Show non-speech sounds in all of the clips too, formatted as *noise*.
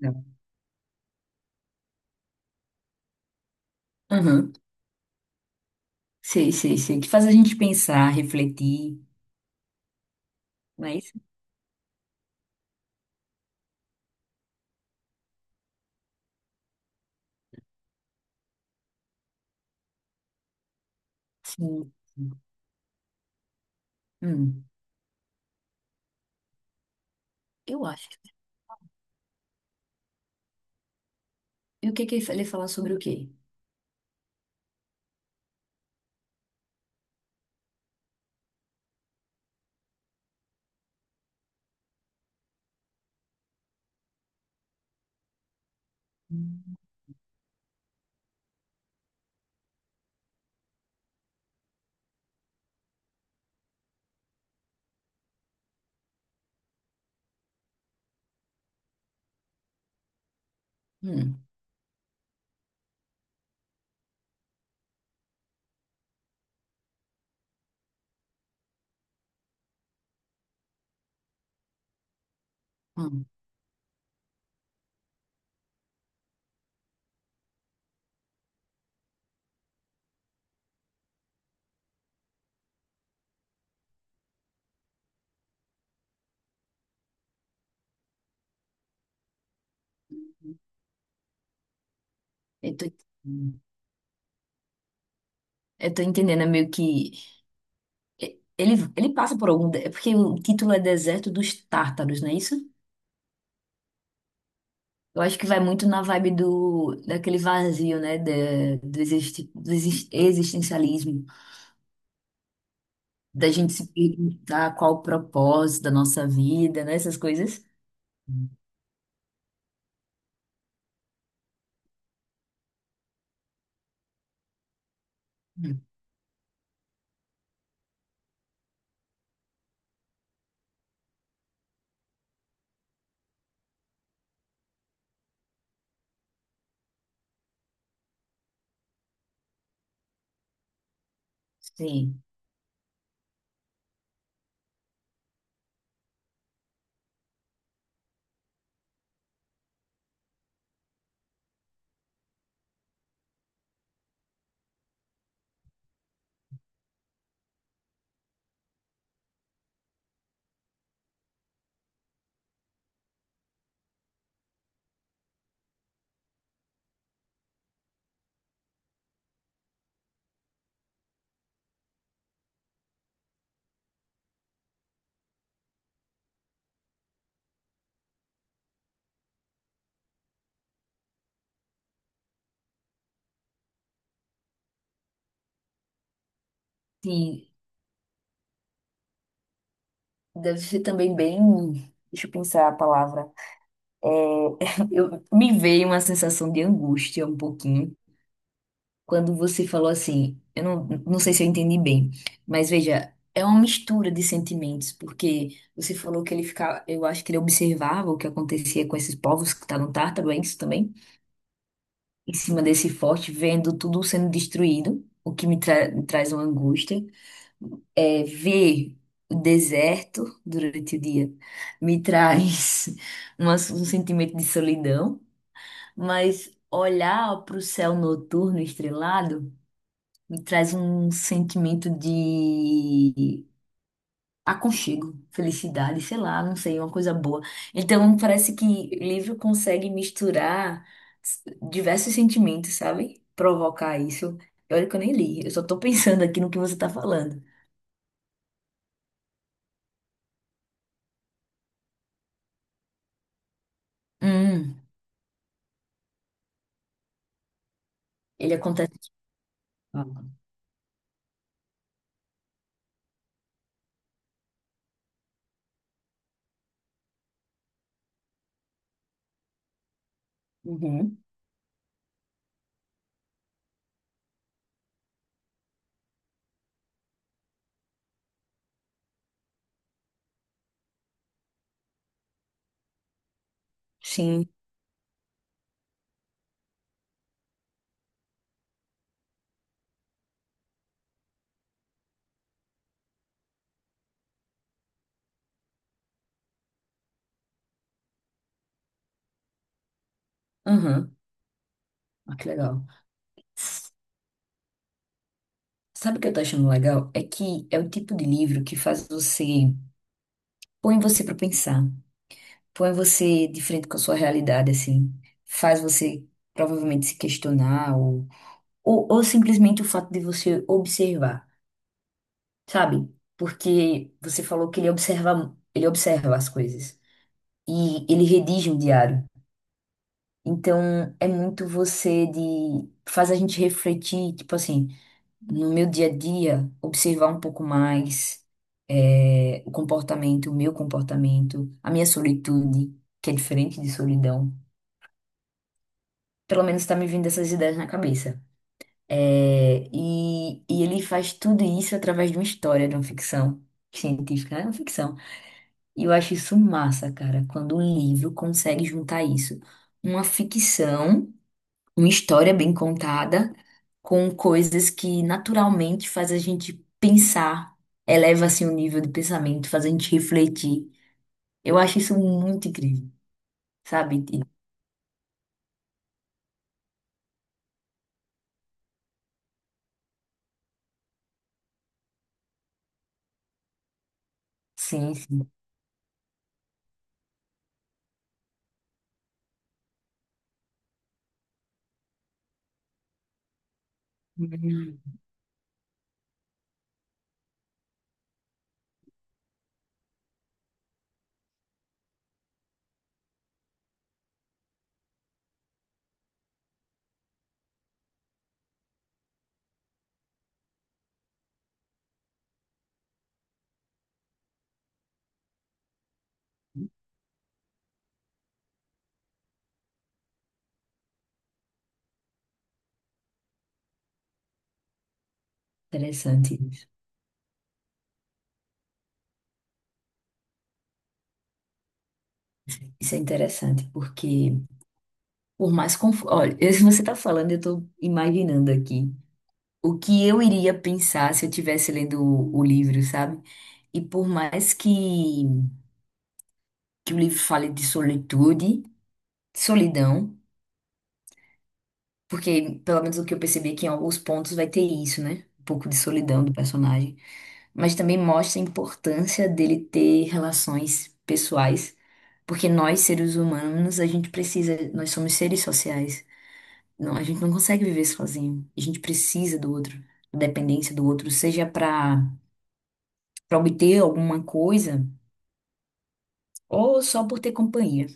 Não. Aham. Sei, sei, sei. Que faz a gente pensar, refletir, não é isso? Sim, sim. Hum, eu acho. E o que que ele fala sobre o quê? Hum, hum. Hum. Eu tô, eu tô entendendo, é meio que... ele passa por algum... É porque o título é Deserto dos Tártaros, não é isso? Eu acho que vai muito na vibe daquele vazio, né? Existencialismo. Da gente se perguntar qual o propósito da nossa vida, né? Essas coisas. Sim, sim. Deve ser também bem. Deixa eu pensar a palavra. É, *laughs* me veio uma sensação de angústia um pouquinho quando você falou assim. Eu não, não sei se eu entendi bem, mas veja, é uma mistura de sentimentos, porque você falou que ele ficava. Eu acho que ele observava o que acontecia com esses povos que estavam tártaro, é isso também? Em cima desse forte, vendo tudo sendo destruído, me traz uma angústia. Ver o deserto durante o dia me traz *laughs* um sentimento de solidão, mas olhar para o céu noturno estrelado me traz um sentimento de aconchego, felicidade, sei lá, não sei, uma coisa boa. Então parece que livro consegue misturar s- diversos sentimentos, sabe? Provocar isso. Olha que eu nem li, eu só tô pensando aqui no que você tá falando. Hum, ele acontece. Uhum. Sim. Uhum. Ah, que legal. S- Sabe o que eu tô achando legal? É que é o tipo de livro que faz põe você pra pensar, põe você de frente com a sua realidade, assim, faz você provavelmente se questionar ou simplesmente o fato de você observar, sabe? Porque você falou que ele observa as coisas e ele redige um diário. Então, é muito você de, faz a gente refletir, tipo assim, no meu dia a dia, observar um pouco mais o comportamento, o meu comportamento, a minha solitude, que é diferente de solidão. Pelo menos tá me vindo essas ideias na cabeça. E ele faz tudo isso através de uma história, de uma ficção científica, é uma ficção. E eu acho isso massa, cara, quando um livro consegue juntar isso. Uma ficção. Uma história bem contada, com coisas que naturalmente faz a gente pensar, eleva assim o nível de pensamento, faz a gente refletir. Eu acho isso muito incrível, sabe? Sim, sim. Hum. Interessante isso. Isso é interessante, porque por mais confuso. Olha, *laughs* se você está falando, eu estou imaginando aqui o que eu iria pensar se eu estivesse lendo o livro, sabe? E por mais que o livro fale de solitude, solidão. Porque, pelo menos o que eu percebi, é que em alguns pontos vai ter isso, né? Um pouco de solidão do personagem. Mas também mostra a importância dele ter relações pessoais. Porque nós, seres humanos, a gente precisa, nós somos seres sociais. Não, a gente não consegue viver sozinho. A gente precisa do outro, da dependência do outro, seja para obter alguma coisa ou só por ter companhia.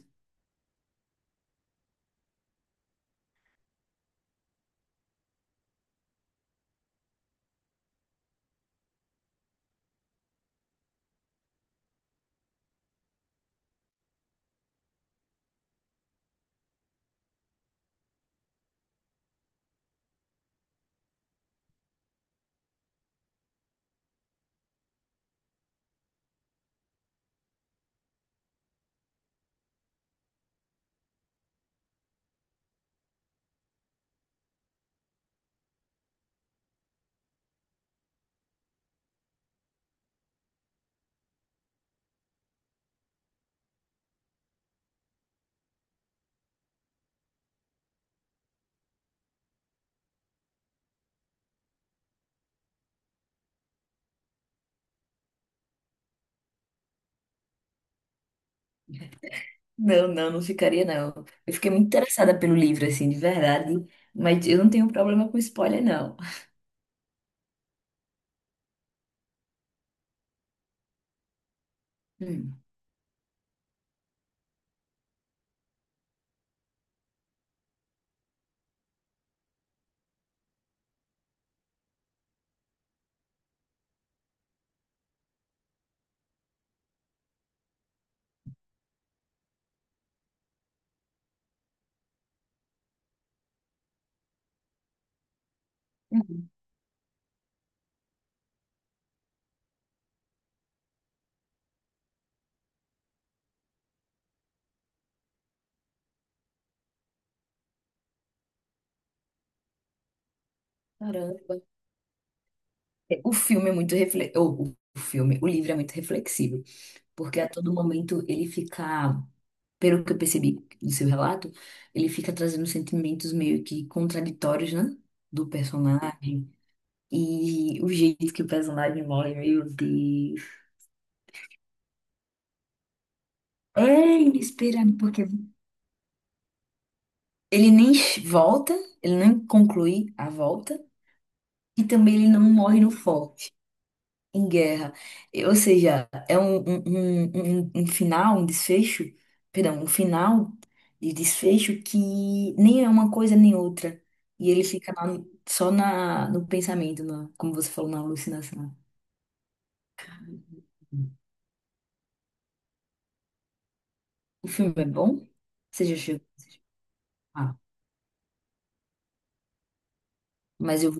Não, não, não ficaria, não. Eu fiquei muito interessada pelo livro, assim, de verdade. Mas eu não tenho problema com spoiler, não. Hum. Caramba. O filme é muito refle... o filme, o livro é muito reflexivo, porque a todo momento ele fica, pelo que eu percebi do seu relato, ele fica trazendo sentimentos meio que contraditórios, né? Do personagem. E o jeito que o personagem morre, meu Deus. É inesperado, porque ele nem volta, ele nem conclui a volta, e também ele não morre no foco, em guerra. E, ou seja, é um final, um desfecho, perdão, um final de desfecho que nem é uma coisa nem outra. E ele fica lá só no pensamento, como você falou, na alucinação. O filme é bom? Você já chegou? Ah, mas eu,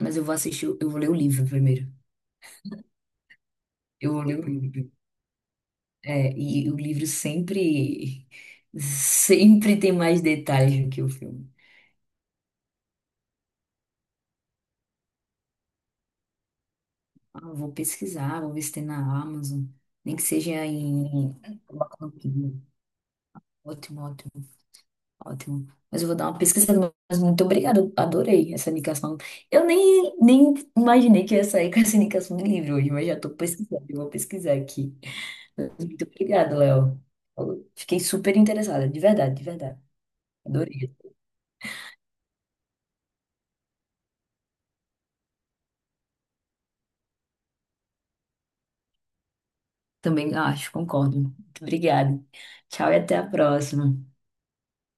mas eu vou assistir, eu vou ler o livro primeiro. Eu vou ler o livro. É, e o livro sempre, *laughs* sempre tem mais detalhes do que o filme. Ah, vou pesquisar, vou ver se tem na Amazon. Nem que seja em. Coloca no Kindle. Ótimo, ótimo, ótimo. Mas eu vou dar uma pesquisada. Mas muito obrigada, eu adorei essa indicação. Eu nem imaginei que eu ia sair com essa indicação de livro hoje, mas já estou pesquisando, eu vou pesquisar aqui. Mas muito obrigada, Léo. Eu fiquei super interessada, de verdade, de verdade. Adorei. Também ah, acho, concordo. Muito obrigada. Tchau e até a próxima.